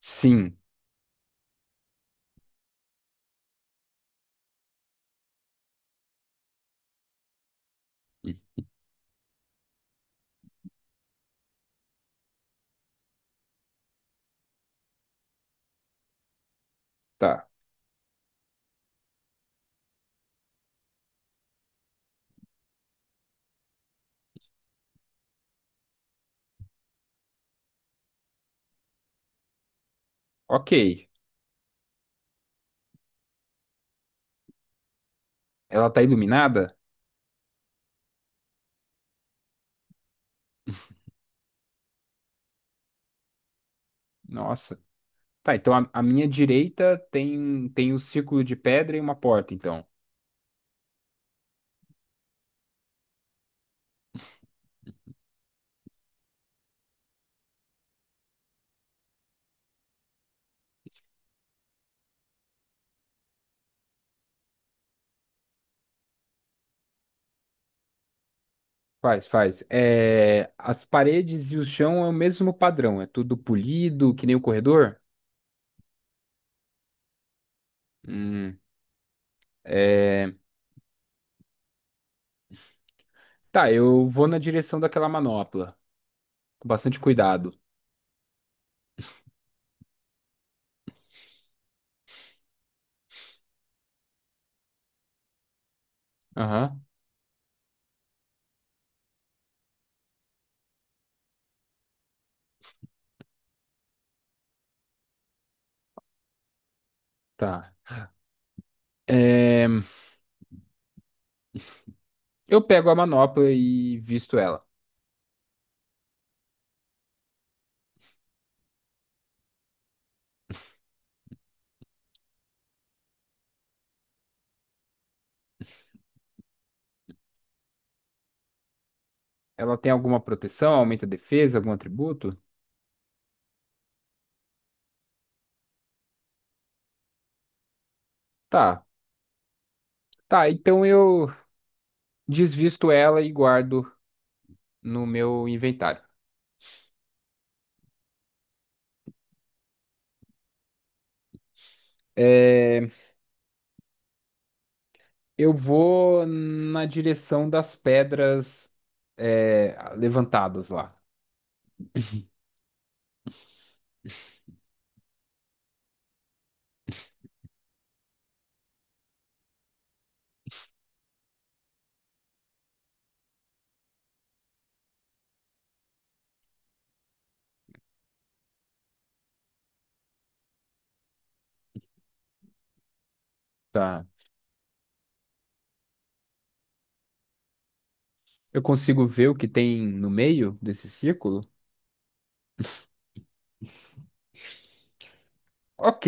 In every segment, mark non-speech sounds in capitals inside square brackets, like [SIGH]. Sim. E tá. Ok. Ela tá iluminada? Nossa. Tá, então a minha direita tem um círculo de pedra e uma porta, então. Faz, faz. É, as paredes e o chão é o mesmo padrão, é tudo polido, que nem o corredor? Hum, é, tá, eu vou na direção daquela manopla, com bastante cuidado. Aham, tá. É, eu pego a manopla e visto ela. Ela tem alguma proteção, aumenta a defesa, algum atributo? Tá, tá, então eu desvisto ela e guardo no meu inventário. É, eu vou na direção das pedras levantadas lá. Tá. Eu consigo ver o que tem no meio desse círculo? Ok,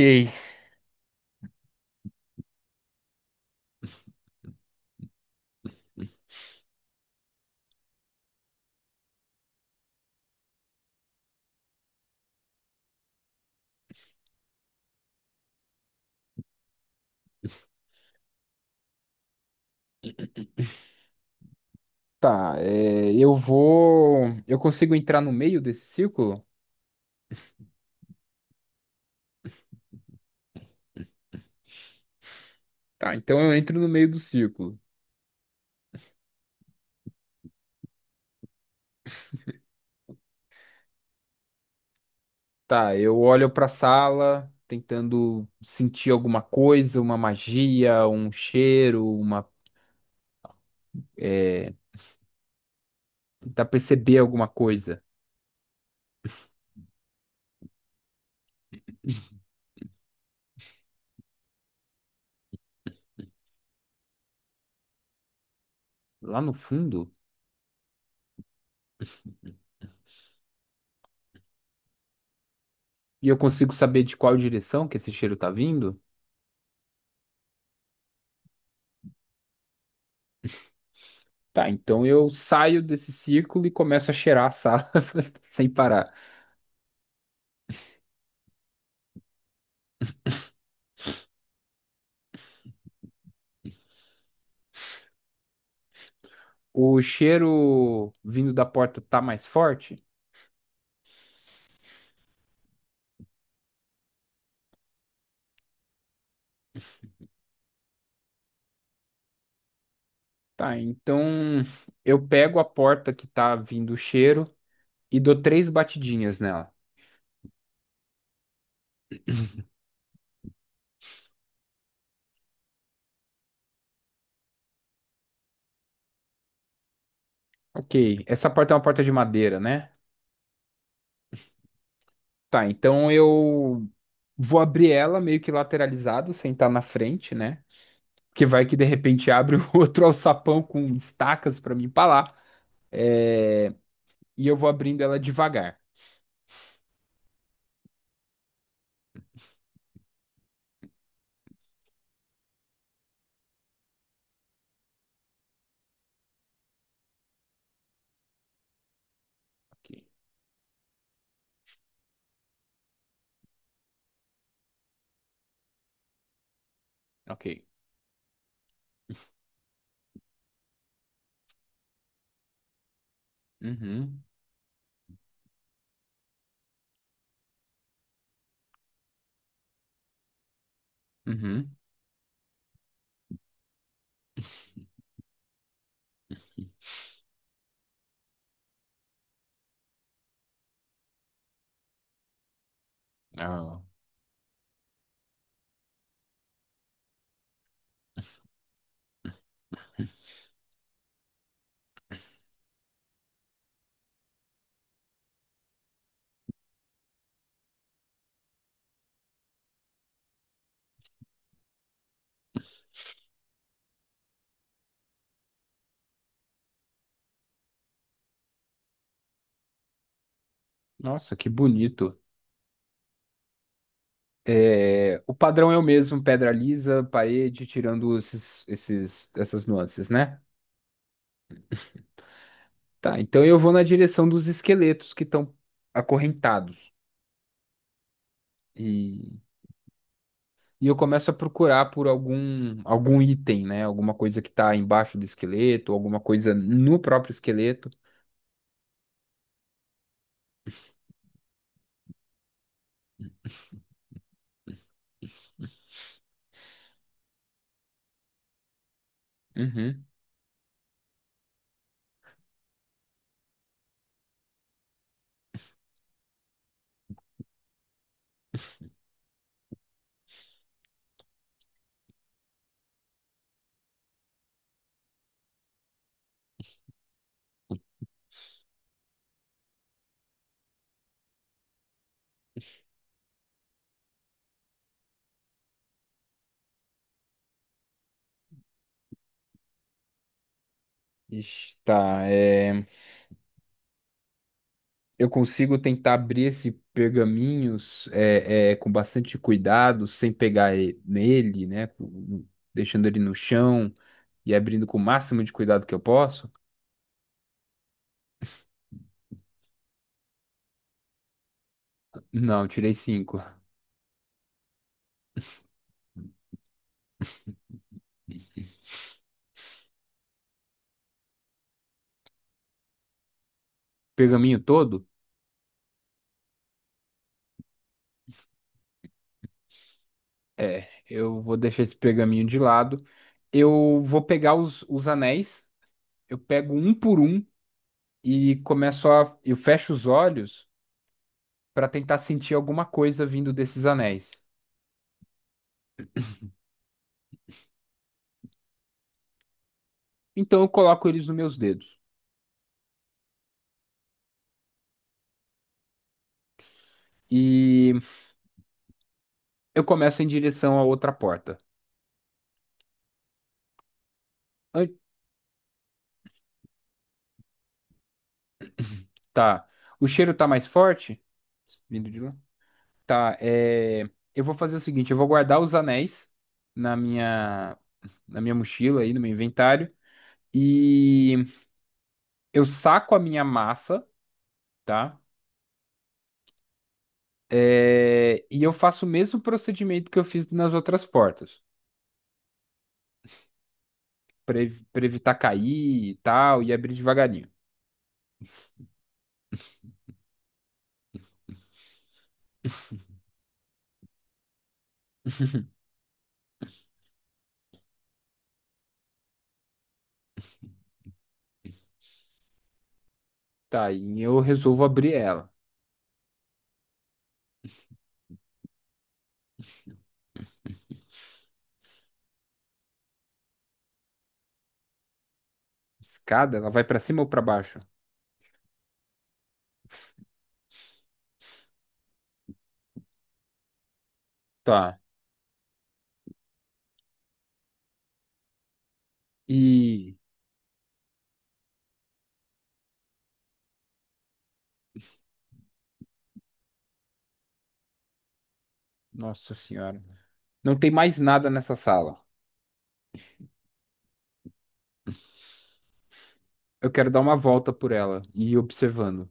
tá. é, eu vou. Eu consigo entrar no meio desse círculo? Tá, então eu entro no meio do círculo. Tá, eu olho pra sala tentando sentir alguma coisa, uma magia, um cheiro, uma é, tentar perceber alguma coisa lá no fundo. E eu consigo saber de qual direção que esse cheiro tá vindo? Tá, então eu saio desse círculo e começo a cheirar a sala [LAUGHS] sem parar. O cheiro vindo da porta tá mais forte? Tá, então eu pego a porta que tá vindo o cheiro e dou 3 batidinhas nela. Ok, essa porta é uma porta de madeira, né? Tá, então eu vou abrir ela meio que lateralizado, sem estar na frente, né? Porque vai que de repente abre [LAUGHS] outro alçapão com estacas pra me empalar. É, e eu vou abrindo ela devagar. Ok. Ok. Uhum. Uhum. Ah, nossa, que bonito. É, o padrão é o mesmo, pedra lisa, parede, tirando essas nuances, né? Tá, então eu vou na direção dos esqueletos que estão acorrentados. E, e eu começo a procurar por algum item, né? Alguma coisa que tá embaixo do esqueleto, alguma coisa no próprio esqueleto. Uhum. Ixi, tá, é, eu consigo tentar abrir esse pergaminhos com bastante cuidado, sem pegar nele, né? Deixando ele no chão e abrindo com o máximo de cuidado que eu posso. Não, tirei 5. Pergaminho todo? É, eu vou deixar esse pergaminho de lado. Eu vou pegar os anéis, eu pego um por um e começo a. Eu fecho os olhos para tentar sentir alguma coisa vindo desses anéis. Então eu coloco eles nos meus dedos. E eu começo em direção à outra porta. Ai, tá. O cheiro tá mais forte? Vindo de lá. Tá, é... eu vou fazer o seguinte, eu vou guardar os anéis na minha, na minha mochila aí, no meu inventário. E eu saco a minha massa, tá? E eu faço o mesmo procedimento que eu fiz nas outras portas, para evitar cair e tal, e abrir devagarinho. Tá, e eu resolvo abrir ela. Escada? Ela vai pra cima ou pra baixo? Tá. E. Nossa senhora. Não tem mais nada nessa sala. Eu quero dar uma volta por ela e ir observando.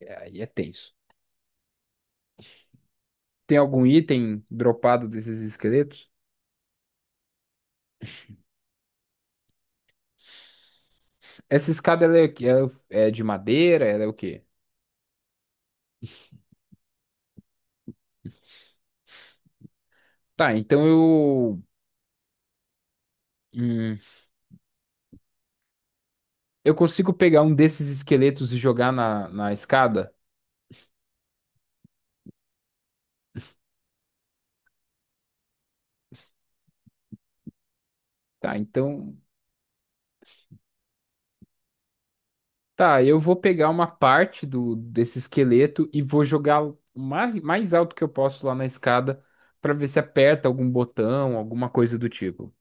É, aí é tenso. Tem algum item dropado desses esqueletos? Essa escada ela é de madeira? Ela é o quê? Tá, então eu. Hum, eu consigo pegar um desses esqueletos e jogar na escada? Tá, então. Tá, eu vou pegar uma parte do desse esqueleto e vou jogar o mais, mais alto que eu posso lá na escada pra ver se aperta algum botão, alguma coisa do tipo.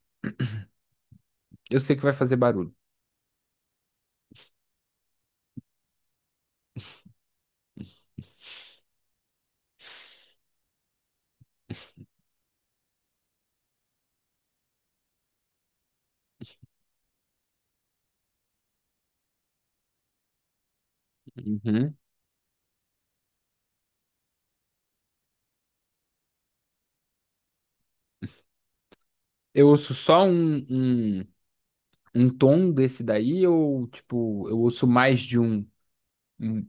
Eu sei que vai fazer barulho. Uhum. Eu ouço só um, um tom desse daí ou, tipo, eu ouço mais de um, um-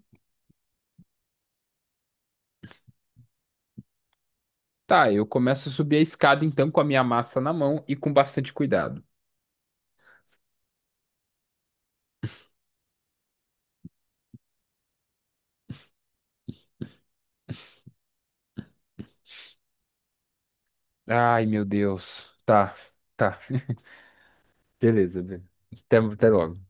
Tá, eu começo a subir a escada então com a minha massa na mão e com bastante cuidado. Ai, meu Deus. Tá, tá. [LAUGHS] Beleza, beleza. Até, até logo.